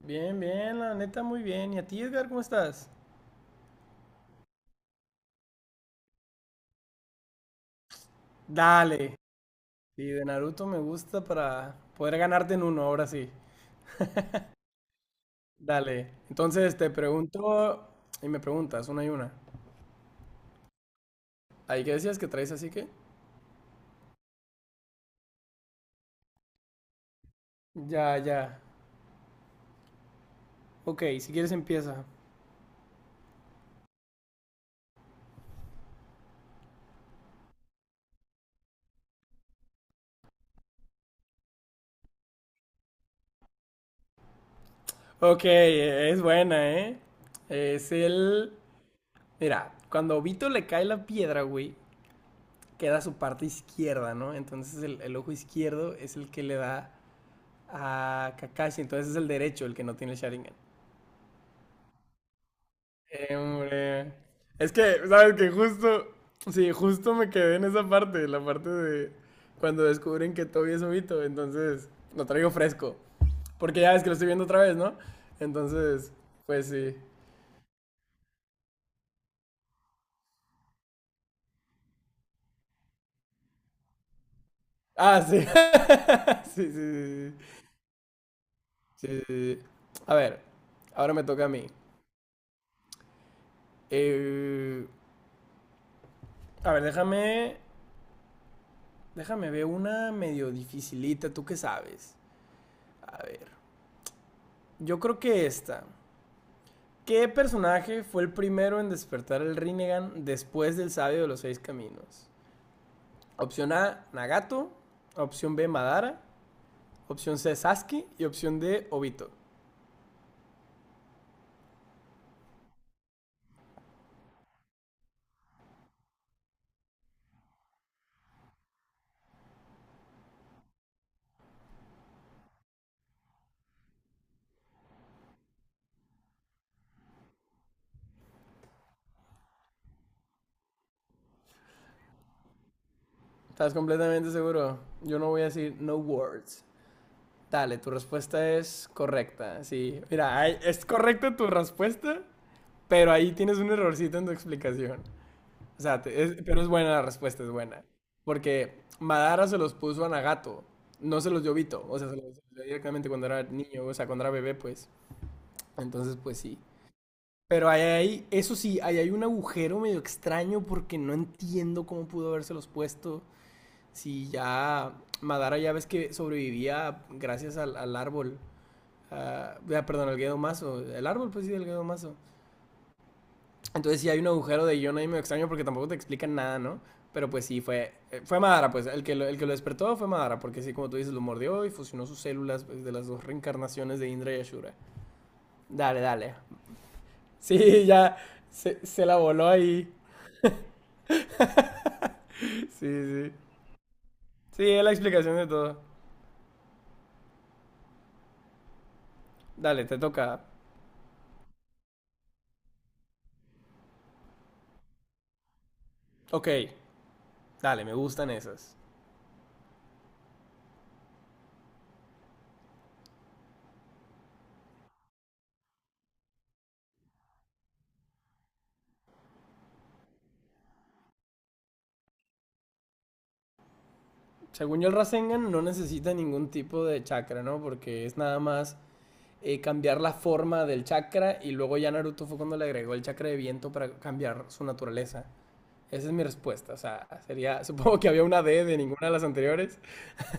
Bien, bien, la neta muy bien. ¿Y a ti, Edgar, cómo estás? Dale. Sí, de Naruto me gusta para poder ganarte en uno, ahora sí. Dale. Entonces te pregunto y me preguntas una y una. ¿Ahí qué decías que traes así que? Ya, ya. Ok, si quieres empieza. Ok, es buena, ¿eh? Es el... Mira, cuando a Obito le cae la piedra, güey, queda su parte izquierda, ¿no? Entonces el ojo izquierdo es el que le da. Ah, Kakashi, entonces es el derecho el que no tiene el Sharingan. Hombre. Es que, ¿sabes que Justo, sí, justo me quedé en esa parte, la parte de cuando descubren que Toby es Obito? Entonces lo traigo fresco. Porque ya ves que lo estoy viendo otra vez, ¿no? Entonces, pues sí. Ah, sí. Sí, sí, sí, sí, sí. Sí, sí. A ver, ahora me toca a mí. Eh, a ver, déjame ver una medio dificilita, ¿tú qué sabes? A ver. Yo creo que esta. ¿Qué personaje fue el primero en despertar el Rinnegan después del sabio de los seis caminos? Opción A, Nagato. Opción B, Madara. Opción C, Sasuke. Y opción D, Obito. ¿Estás completamente seguro? Yo no voy a decir no words. Dale, tu respuesta es correcta. Sí, mira, es correcta tu respuesta, pero ahí tienes un errorcito en tu explicación. O sea, pero es buena la respuesta, es buena. Porque Madara se los puso a Nagato, no se los dio Vito, o sea, se los dio directamente cuando era niño, o sea, cuando era bebé, pues. Entonces, pues sí. Pero ahí hay, eso sí, ahí hay un agujero medio extraño porque no entiendo cómo pudo habérselos puesto si ya Madara ya ves que sobrevivía gracias al árbol. Perdón, al Gedomazo. El árbol, pues sí, el Gedomazo. Entonces sí hay un agujero de guión ahí medio extraño porque tampoco te explican nada, ¿no? Pero pues sí, fue Madara, pues el que lo despertó fue Madara, porque sí, como tú dices, lo mordió y fusionó sus células pues, de las dos reencarnaciones de Indra y Ashura. Dale, dale. Sí, ya se la voló ahí. Sí, sí. Sí, es la explicación de todo. Dale, te toca. Ok, dale, me gustan esas. Según yo, el Rasengan no necesita ningún tipo de chakra, ¿no? Porque es nada más cambiar la forma del chakra y luego ya Naruto fue cuando le agregó el chakra de viento para cambiar su naturaleza. Esa es mi respuesta, o sea, sería, supongo que había una D de ninguna de las anteriores,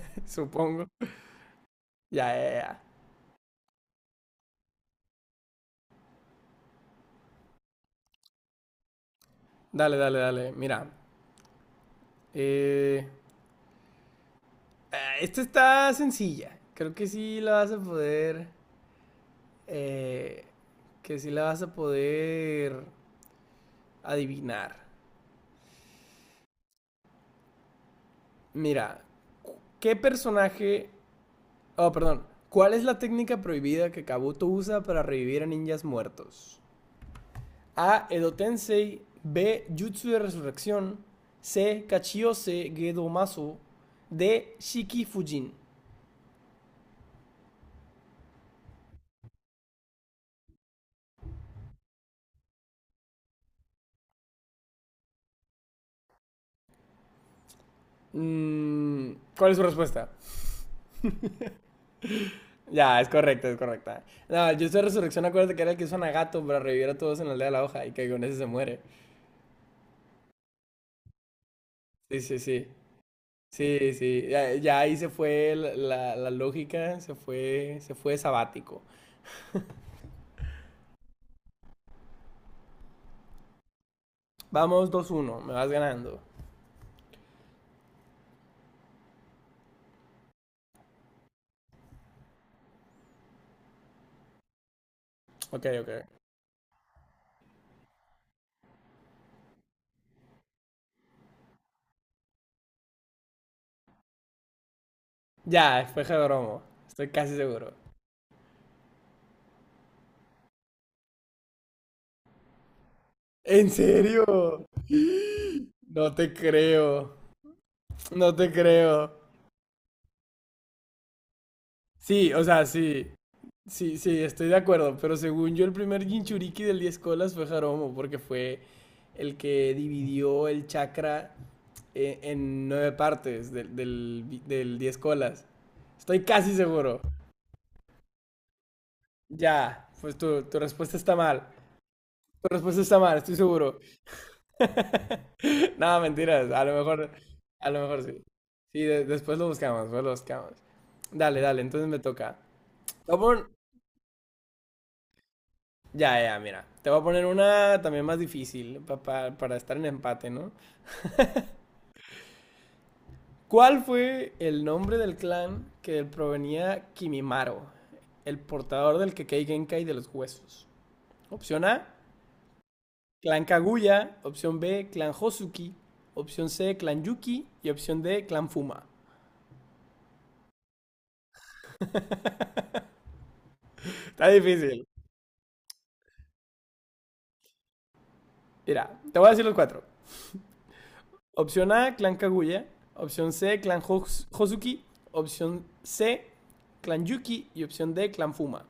supongo. Ya, ya, ya. Dale, dale, dale. Mira, eh, esta está sencilla. Creo eh, que sí la vas a poder adivinar. Mira, ¿qué personaje oh, perdón. ¿Cuál es la técnica prohibida que Kabuto usa para revivir a ninjas muertos? A. Edo Tensei. B. Jutsu de resurrección. C. Kachiyose Gedomasu. D. Shiki Fujin. ¿Cuál es su respuesta? Ya, es correcta, es correcta. No, Jutsu de resurrección, acuérdate que era el que usa Nagato para revivir a todos en la aldea de la hoja y que con ese se muere. Sí, sí, sí. Sí, sí. Ya, ya ahí se fue la lógica, se fue sabático. Vamos 2-1, me vas ganando. Ok, ok. Ya, fue Jodromo. Estoy casi seguro. ¿En serio? No te creo. No te creo. Sí, o sea, sí. Sí, sí, estoy de acuerdo. Pero según yo, el primer Jinchuriki del 10 colas fue Jaromo, porque fue el que dividió el chakra en nueve partes del 10 colas. Estoy casi seguro. Ya, pues tu respuesta está mal. Tu respuesta está mal, estoy seguro. No, mentiras. A lo mejor sí. Sí, después lo buscamos, después lo buscamos. Dale, dale, entonces me toca. Te voy a pon- Ya, ya, mira. Te voy a poner una también más difícil para estar en empate, ¿no? ¿Cuál fue el nombre del clan que provenía Kimimaro, el portador del Kekei Genkai de los huesos? Opción A, Clan Kaguya. Opción B, Clan Hosuki. Opción C, Clan Yuki. Y opción D, Clan Fuma. Está difícil. Mira, te voy a decir los cuatro. Opción A, Clan Kaguya. Opción C, Clan Hosuki. Opción C, Clan Yuki. Y opción D, Clan Fuma.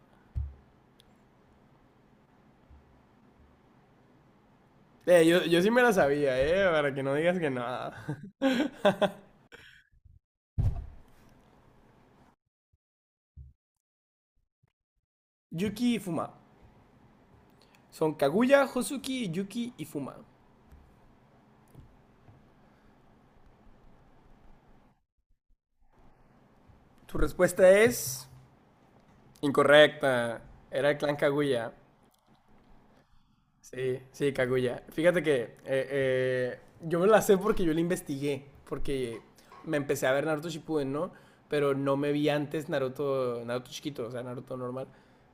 Yo sí me la sabía, para que no digas que no. Yuki y Fuma. Son Kaguya, Hosuki, Yuki y Fuma. Tu respuesta es incorrecta. Era el Clan Kaguya. Sí, sí, Kaguya. Fíjate que yo me la sé porque yo la investigué, porque me empecé a ver Naruto Shippuden, ¿no? Pero no me vi antes Naruto, Naruto chiquito, o sea, Naruto normal.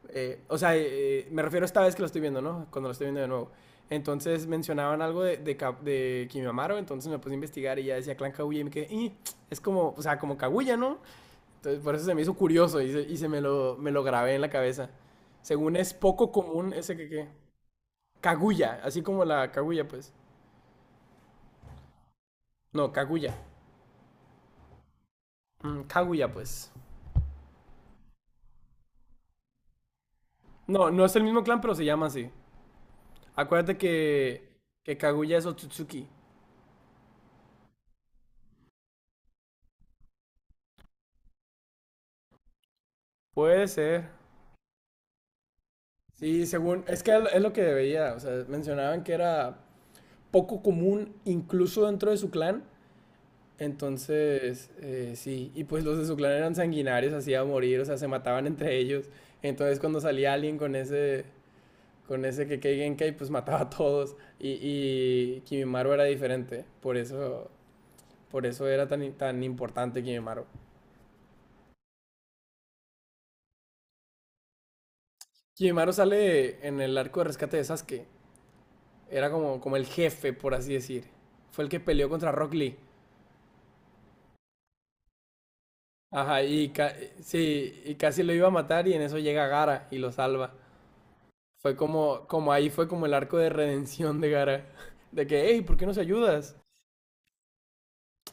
O sea, me refiero a esta vez que lo estoy viendo, ¿no? Cuando lo estoy viendo de nuevo. Entonces mencionaban algo de Kimimaro. Entonces me puse a investigar y ya decía Clan Kaguya y me quedé, "Ih, es como, o sea, como Kaguya, ¿no?" Entonces por eso se me hizo curioso y me lo grabé en la cabeza. Según es poco común ese que, qué. Kaguya, así como la Kaguya, pues. No, Kaguya. Mm, Kaguya, pues. No, no es el mismo clan, pero se llama así. Acuérdate que Kaguya es Otsutsuki. Puede ser. Sí, según. Es que es lo que veía. O sea, mencionaban que era poco común, incluso dentro de su clan. Entonces, sí. Y pues los de su clan eran sanguinarios, así a morir. O sea, se mataban entre ellos. Entonces, cuando salía alguien con ese. Con ese que Keigenkai pues mataba a todos, y Kimimaru era diferente, por eso era tan, tan importante Kimimaru. Kimimaru sale en el arco de rescate de Sasuke, era como el jefe, por así decir. Fue el que peleó contra Rock Lee. Ajá, y casi lo iba a matar y en eso llega Gara y lo salva. Fue como ahí fue como el arco de redención de Gara. De que, hey, ¿por qué nos ayudas?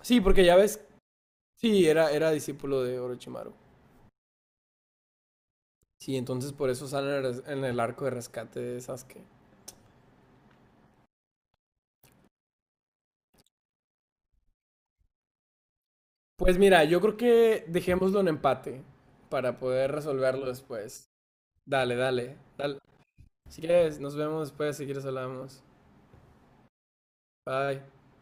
Sí, porque ya ves, sí, era discípulo de Orochimaru. Sí, entonces por eso sale en el arco de rescate de Sasuke. Pues mira, yo creo que dejémoslo en empate para poder resolverlo después. Dale, dale, dale. Si quieres, nos vemos después si quieres hablamos. Bye.